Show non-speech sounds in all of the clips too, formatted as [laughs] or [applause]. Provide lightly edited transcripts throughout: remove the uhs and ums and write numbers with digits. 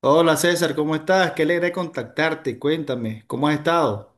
Hola César, ¿cómo estás? Qué alegre contactarte. Cuéntame, ¿cómo has estado?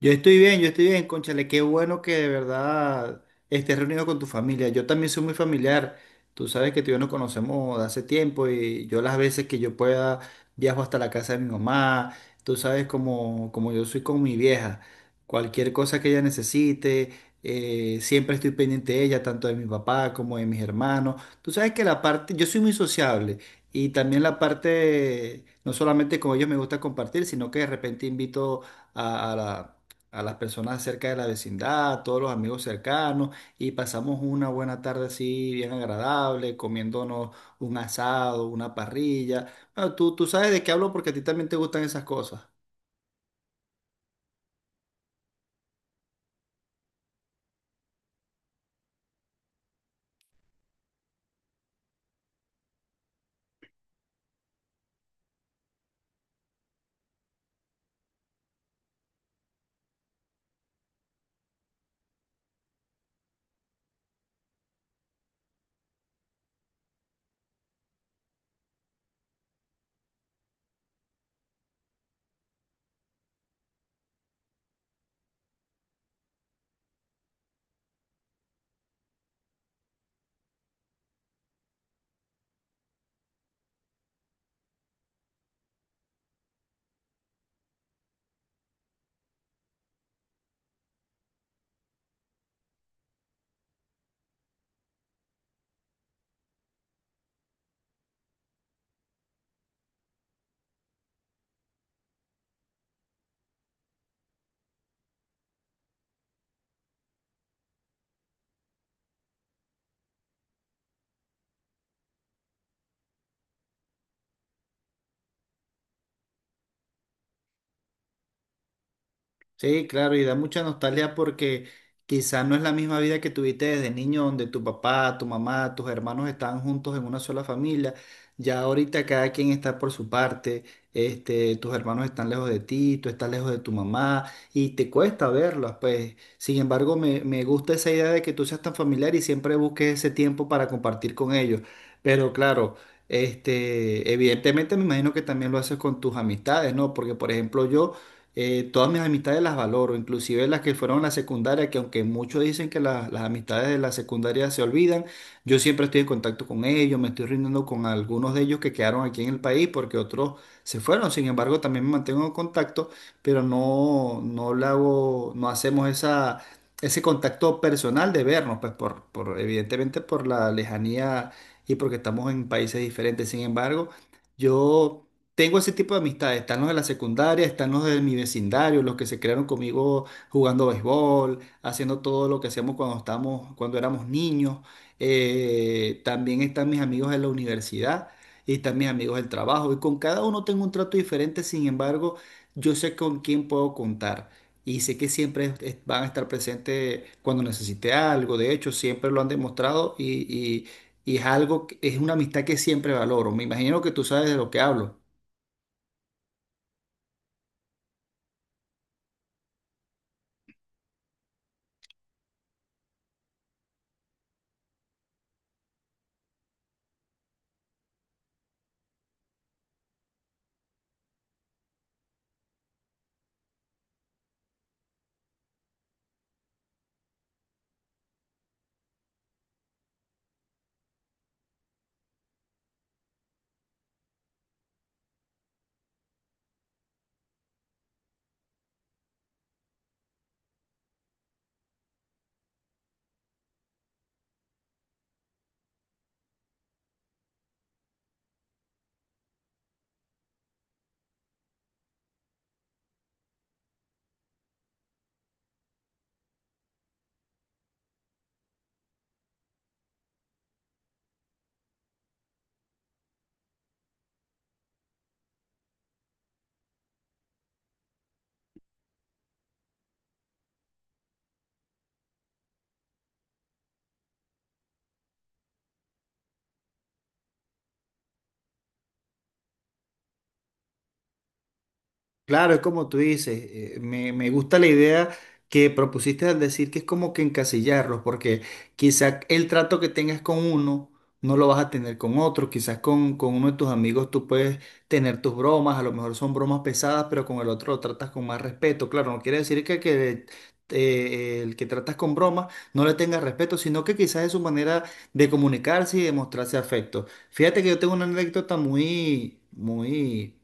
Yo estoy bien, cónchale, qué bueno que de verdad estés reunido con tu familia. Yo también soy muy familiar. Tú sabes que tú y yo nos conocemos de hace tiempo y yo las veces que yo pueda viajo hasta la casa de mi mamá. Tú sabes como yo soy con mi vieja. Cualquier cosa que ella necesite, siempre estoy pendiente de ella, tanto de mi papá como de mis hermanos. Tú sabes que la parte, yo soy muy sociable y también la parte, no solamente con ellos me gusta compartir, sino que de repente invito a, a la a las personas cerca de la vecindad, a todos los amigos cercanos, y pasamos una buena tarde así bien agradable, comiéndonos un asado, una parrilla. Bueno, tú sabes de qué hablo porque a ti también te gustan esas cosas. Sí, claro, y da mucha nostalgia porque quizá no es la misma vida que tuviste desde niño, donde tu papá, tu mamá, tus hermanos estaban juntos en una sola familia. Ya ahorita cada quien está por su parte, este, tus hermanos están lejos de ti, tú estás lejos de tu mamá y te cuesta verlos, pues. Sin embargo, me gusta esa idea de que tú seas tan familiar y siempre busques ese tiempo para compartir con ellos. Pero claro, este, evidentemente me imagino que también lo haces con tus amistades, ¿no? Porque, por ejemplo, yo todas mis amistades las valoro, inclusive las que fueron a la secundaria, que aunque muchos dicen que las amistades de la secundaria se olvidan, yo siempre estoy en contacto con ellos, me estoy rindiendo con algunos de ellos que quedaron aquí en el país porque otros se fueron, sin embargo también me mantengo en contacto, pero no, no le hago, no hacemos ese contacto personal de vernos, pues evidentemente por la lejanía y porque estamos en países diferentes, sin embargo, yo tengo ese tipo de amistades, están los de la secundaria, están los de mi vecindario, los que se crearon conmigo jugando béisbol, haciendo todo lo que hacíamos cuando éramos niños. También están mis amigos de la universidad y están mis amigos del trabajo. Y con cada uno tengo un trato diferente, sin embargo, yo sé con quién puedo contar. Y sé que siempre van a estar presentes cuando necesite algo. De hecho, siempre lo han demostrado y y es algo, es una amistad que siempre valoro. Me imagino que tú sabes de lo que hablo. Claro, es como tú dices, me gusta la idea que propusiste al decir que es como que encasillarlos, porque quizás el trato que tengas con uno no lo vas a tener con otro, quizás con uno de tus amigos tú puedes tener tus bromas, a lo mejor son bromas pesadas, pero con el otro lo tratas con más respeto. Claro, no quiere decir el que tratas con bromas no le tengas respeto, sino que quizás es su manera de comunicarse y de mostrarse afecto. Fíjate que yo tengo una anécdota muy, muy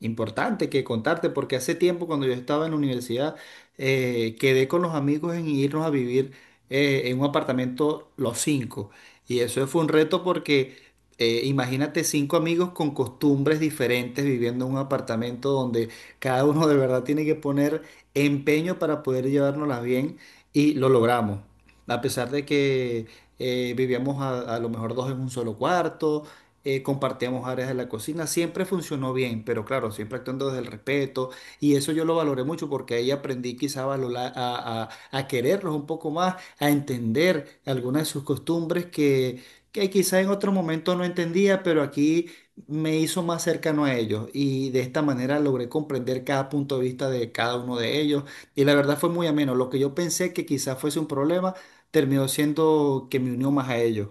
importante que contarte, porque hace tiempo cuando yo estaba en la universidad, quedé con los amigos en irnos a vivir en un apartamento los cinco. Y eso fue un reto porque imagínate cinco amigos con costumbres diferentes viviendo en un apartamento donde cada uno de verdad tiene que poner empeño para poder llevárnoslas bien y lo logramos. A pesar de que vivíamos a lo mejor dos en un solo cuarto, compartíamos áreas de la cocina, siempre funcionó bien, pero claro, siempre actuando desde el respeto y eso yo lo valoré mucho porque ahí aprendí quizá a quererlos un poco más, a entender algunas de sus costumbres que quizá en otro momento no entendía, pero aquí me hizo más cercano a ellos y de esta manera logré comprender cada punto de vista de cada uno de ellos y la verdad fue muy ameno, lo que yo pensé que quizá fuese un problema terminó siendo que me unió más a ellos.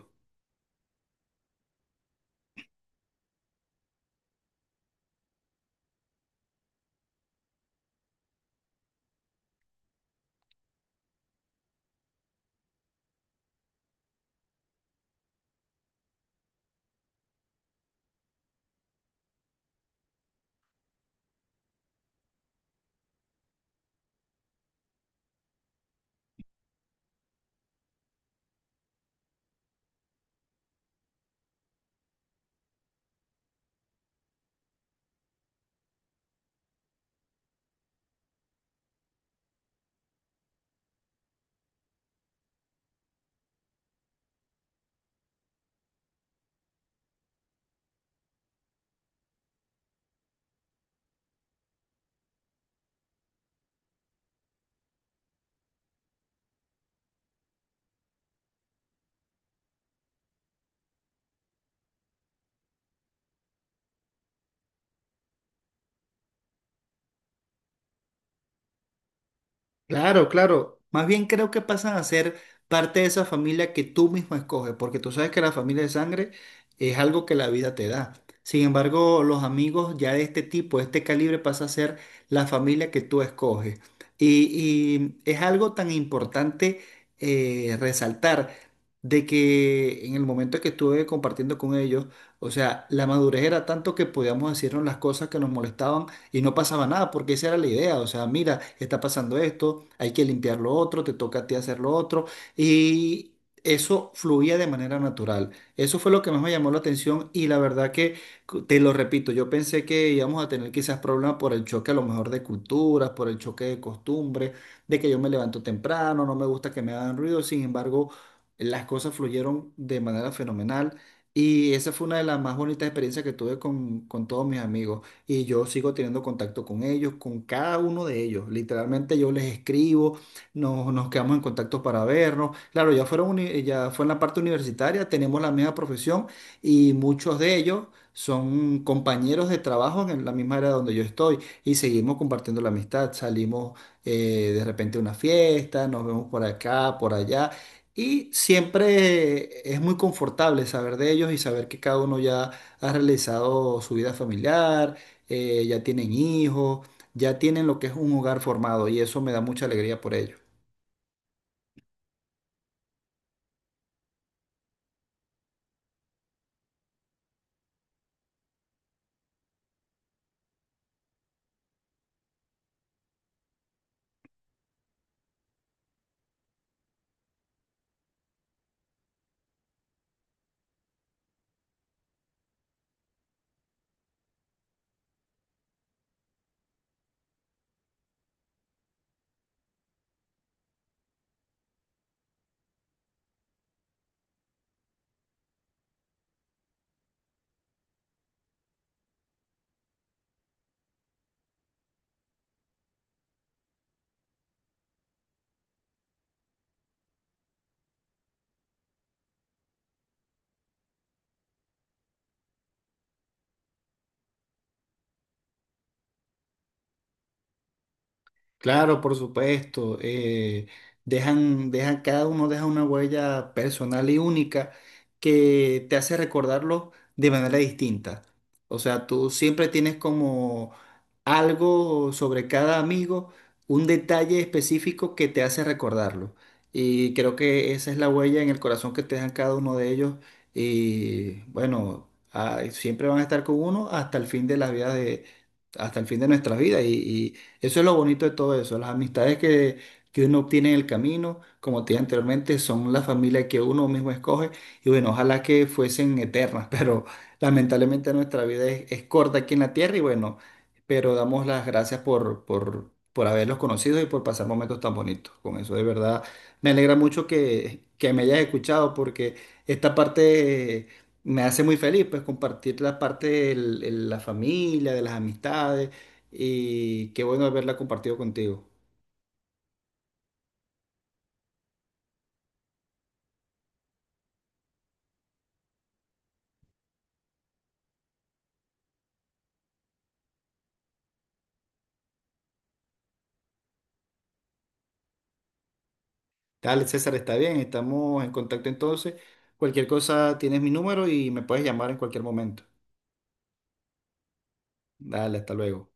Claro, claro. Más bien creo que pasan a ser parte de esa familia que tú mismo escoges, porque tú sabes que la familia de sangre es algo que la vida te da. Sin embargo, los amigos ya de este tipo, de este calibre, pasa a ser la familia que tú escoges. Y, y es algo tan importante resaltar de que en el momento que estuve compartiendo con ellos, o sea, la madurez era tanto que podíamos decirnos las cosas que nos molestaban y no pasaba nada, porque esa era la idea, o sea, mira, está pasando esto, hay que limpiar lo otro, te toca a ti hacer lo otro, y eso fluía de manera natural. Eso fue lo que más me llamó la atención y la verdad que, te lo repito, yo pensé que íbamos a tener quizás problemas por el choque a lo mejor de culturas, por el choque de costumbres, de que yo me levanto temprano, no me gusta que me hagan ruido, sin embargo, las cosas fluyeron de manera fenomenal. Y esa fue una de las más bonitas experiencias que tuve con todos mis amigos y yo sigo teniendo contacto con ellos, con cada uno de ellos. Literalmente yo les escribo, nos quedamos en contacto para vernos. Claro, ya fue en la parte universitaria, tenemos la misma profesión y muchos de ellos son compañeros de trabajo en la misma área donde yo estoy y seguimos compartiendo la amistad. Salimos de repente a una fiesta, nos vemos por acá, por allá. Y siempre es muy confortable saber de ellos y saber que cada uno ya ha realizado su vida familiar, ya tienen hijos, ya tienen lo que es un hogar formado y eso me da mucha alegría por ellos. Claro, por supuesto. Cada uno deja una huella personal y única que te hace recordarlo de manera distinta. O sea, tú siempre tienes como algo sobre cada amigo, un detalle específico que te hace recordarlo. Y creo que esa es la huella en el corazón que te dejan cada uno de ellos. Y bueno, ah, siempre van a estar con uno hasta el fin de nuestra vida. Eso es lo bonito de todo eso. Las amistades que uno obtiene en el camino, como te dije anteriormente, son la familia que uno mismo escoge. Y bueno, ojalá que fuesen eternas, [laughs] pero lamentablemente nuestra vida es corta aquí en la tierra. Y bueno, pero damos las gracias por haberlos conocido y por pasar momentos tan bonitos. Con eso, de verdad, me alegra mucho que me hayas escuchado porque esta parte me hace muy feliz, pues, compartir la parte de la familia, de las amistades, y qué bueno haberla compartido contigo. Dale, César, está bien, estamos en contacto entonces. Cualquier cosa, tienes mi número y me puedes llamar en cualquier momento. Dale, hasta luego.